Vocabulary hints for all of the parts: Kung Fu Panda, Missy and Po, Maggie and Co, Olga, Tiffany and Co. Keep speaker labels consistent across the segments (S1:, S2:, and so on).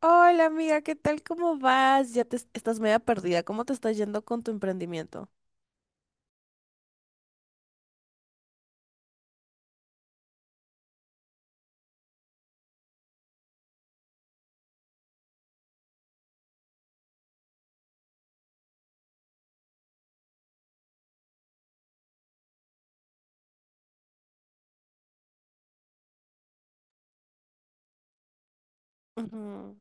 S1: Hola amiga, ¿qué tal? ¿Cómo vas? Ya te estás media perdida. ¿Cómo te está yendo con tu emprendimiento? Ujú.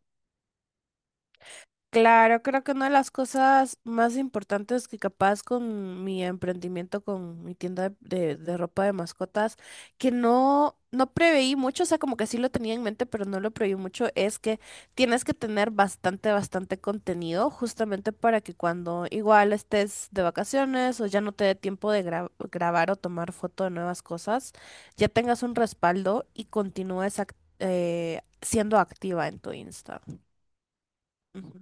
S1: Claro, creo que una de las cosas más importantes que capaz con mi emprendimiento, con mi tienda de, de ropa de mascotas, que no preveí mucho, o sea, como que sí lo tenía en mente, pero no lo preveí mucho, es que tienes que tener bastante contenido, justamente para que cuando igual estés de vacaciones o ya no te dé tiempo de grabar o tomar foto de nuevas cosas, ya tengas un respaldo y continúes siendo activa en tu Insta. Ujú.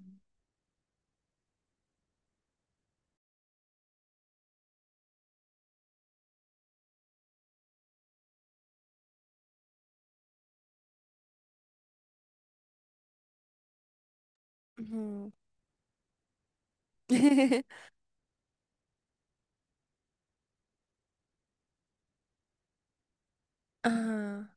S1: Ujú. Ah,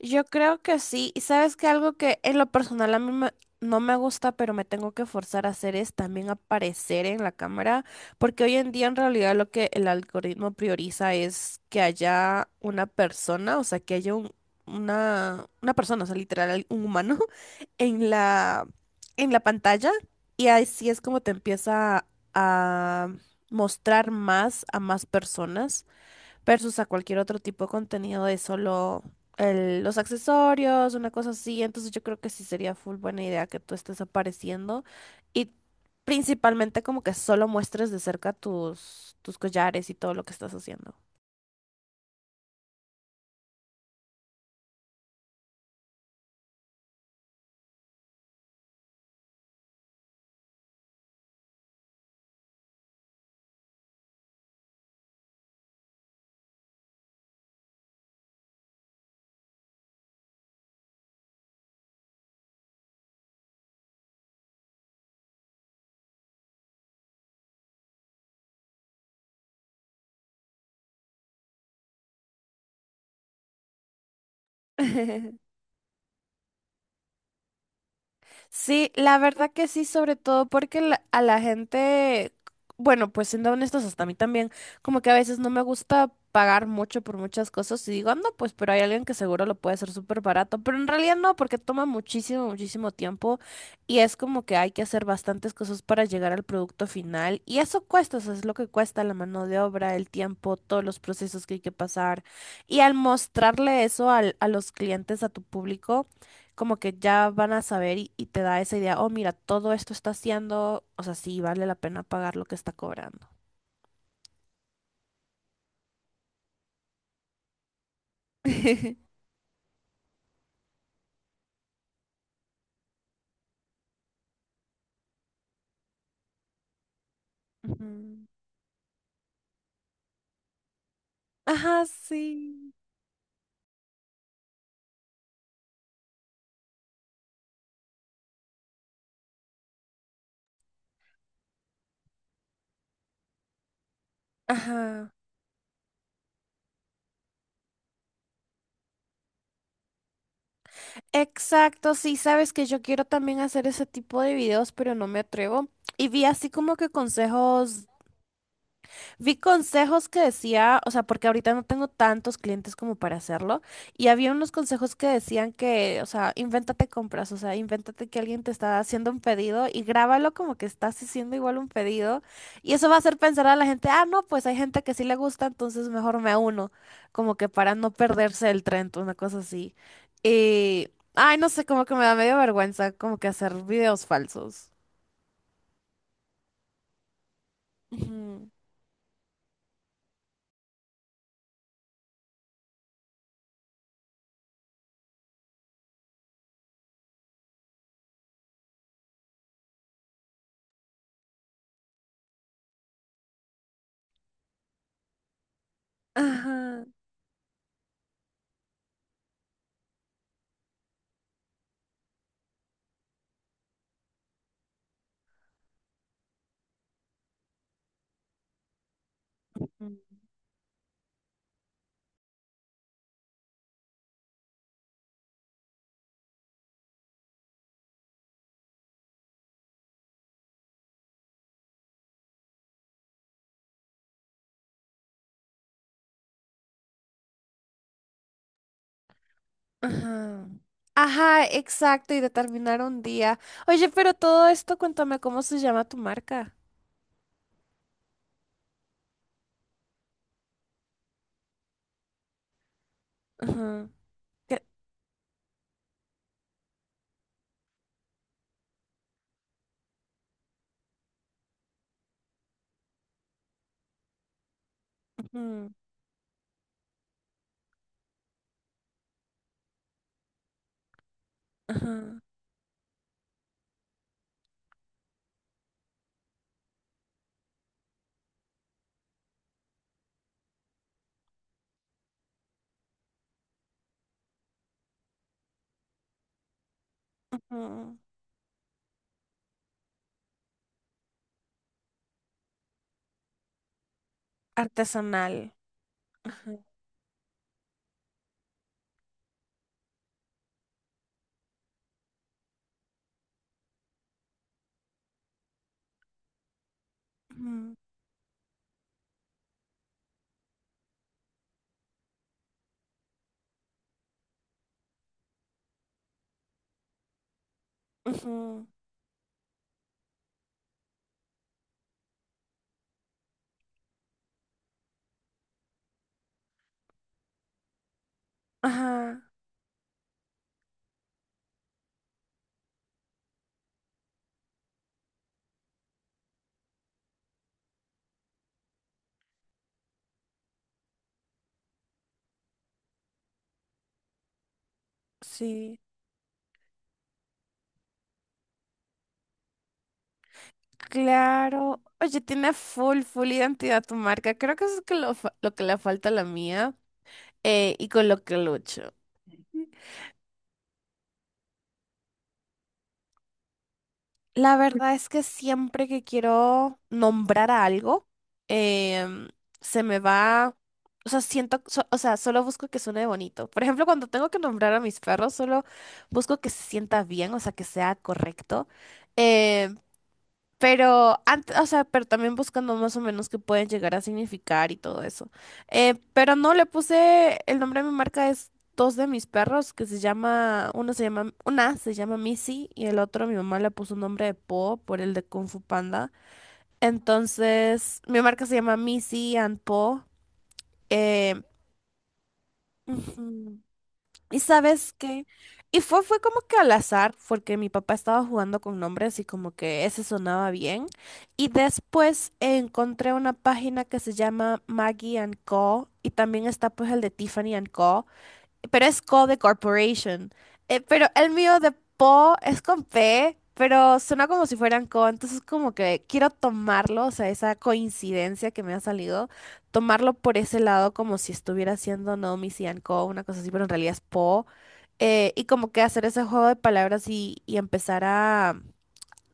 S1: yo creo que sí. Y sabes que algo que en lo personal no me gusta, pero me tengo que forzar a hacer es también aparecer en la cámara, porque hoy en día en realidad lo que el algoritmo prioriza es que haya una persona, o sea, que haya una persona, o sea, literal, un humano en en la pantalla. Y así es como te empieza a mostrar más a más personas, versus a cualquier otro tipo de contenido de solo los accesorios, una cosa así. Entonces yo creo que sí sería full buena idea que tú estés apareciendo y principalmente como que solo muestres de cerca tus collares y todo lo que estás haciendo. Sí, la verdad que sí, sobre todo porque a la gente, bueno, pues siendo honestos, hasta a mí también, como que a veces no me gusta pagar mucho por muchas cosas y digo, no, pues, pero hay alguien que seguro lo puede hacer súper barato, pero en realidad no, porque toma muchísimo tiempo y es como que hay que hacer bastantes cosas para llegar al producto final y eso cuesta, eso es lo que cuesta la mano de obra, el tiempo, todos los procesos que hay que pasar y al mostrarle eso a los clientes, a tu público como que ya van a saber y te da esa idea, oh, mira, todo esto está haciendo, o sea, sí, vale la pena pagar lo que está cobrando. Ujú. Ajá, sí. Ajá. Exacto, sí, sabes que yo quiero también hacer ese tipo de videos, pero no me atrevo. Y vi así como que consejos. Vi consejos que decía, o sea, porque ahorita no tengo tantos clientes como para hacerlo, y había unos consejos que decían que, o sea, invéntate compras, o sea, invéntate que alguien te está haciendo un pedido y grábalo como que estás haciendo igual un pedido, y eso va a hacer pensar a la gente, ah, no, pues hay gente que sí le gusta, entonces mejor me uno, como que para no perderse el tren, una cosa así. Y, ay, no sé, como que me da medio vergüenza como que hacer videos falsos. Ujú. Ajá. Ajá. Ajá, exacto, y determinar un día. Oye, pero todo esto, cuéntame cómo se llama tu marca. Ajá. ¿Qué? Ujú. Ajá. Ujú. Artesanal. Ajá. Ujú. Ujú. Ajá. Sí. Claro. Oye, tiene full, full identidad tu marca. Creo que eso es que lo, lo que le falta a la mía, y con lo que lucho. La verdad es que siempre que quiero nombrar a algo, em, se me va, o sea, siento, o sea, solo busco que suene bonito. Por ejemplo, cuando tengo que nombrar a mis perros, solo busco que se sienta bien, o sea, que sea correcto. Em, pero, o sea, pero también buscando más o menos qué pueden llegar a significar y todo eso. Pero no le puse el nombre de mi marca, es dos de mis perros que se llama, uno se llama, una se llama Missy y el otro mi mamá le puso un nombre de Po por el de Kung Fu Panda. Entonces, mi marca se llama Missy and Po. Eh, ujú. ¿Y sabes qué? Y fue como que al azar, porque mi papá estaba jugando con nombres y como que ese sonaba bien. Y después encontré una página que se llama Maggie and Co. Y también está pues el de Tiffany and Co, pero es Co de Corporation. Pero el mío de Po es con P, pero suena como si fueran Co, entonces como que quiero tomarlo, o sea, esa coincidencia que me ha salido, tomarlo por ese lado como si estuviera haciendo Naomi Sian Co, una cosa así, pero en realidad es Po. Y como que hacer ese juego de palabras y empezar a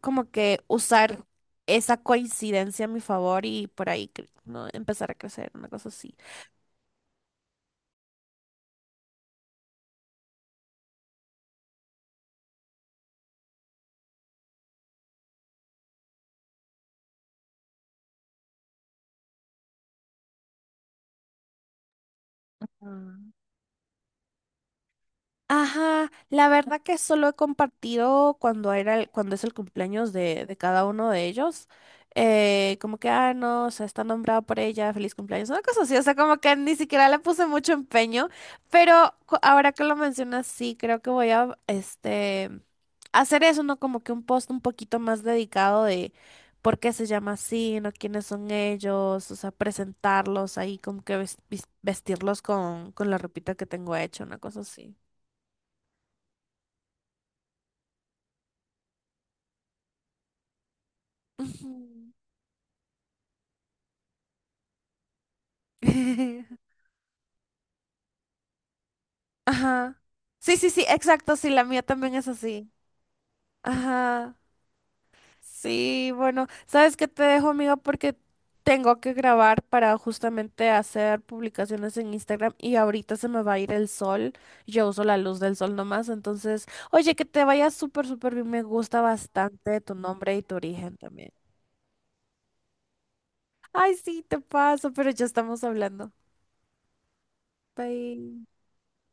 S1: como que usar esa coincidencia a mi favor y por ahí ¿no? empezar a crecer, una cosa así. Ajá, la verdad que solo he compartido cuando cuando es el cumpleaños de cada uno de ellos. Como que, ah, no, o sea, está nombrado por ella, feliz cumpleaños, una cosa así, o sea, como que ni siquiera le puse mucho empeño, pero ahora que lo mencionas, sí, creo que voy a, este, hacer eso, ¿no? Como que un post un poquito más dedicado de por qué se llama así, ¿no? ¿Quiénes son ellos? O sea, presentarlos ahí, como que vestirlos con la ropita que tengo hecha, una cosa así. Ujú. Ajá. Sí, sí, sí, exacto, sí, la mía también es así. Ajá. Sí, bueno, ¿sabes qué? Te dejo, amiga, porque tengo que grabar para justamente hacer publicaciones en Instagram y ahorita se me va a ir el sol. Yo uso la luz del sol nomás, entonces, oye, que te vaya súper, súper bien. Me gusta bastante tu nombre y tu origen también. Ay, sí, te paso, pero ya estamos hablando. Bye.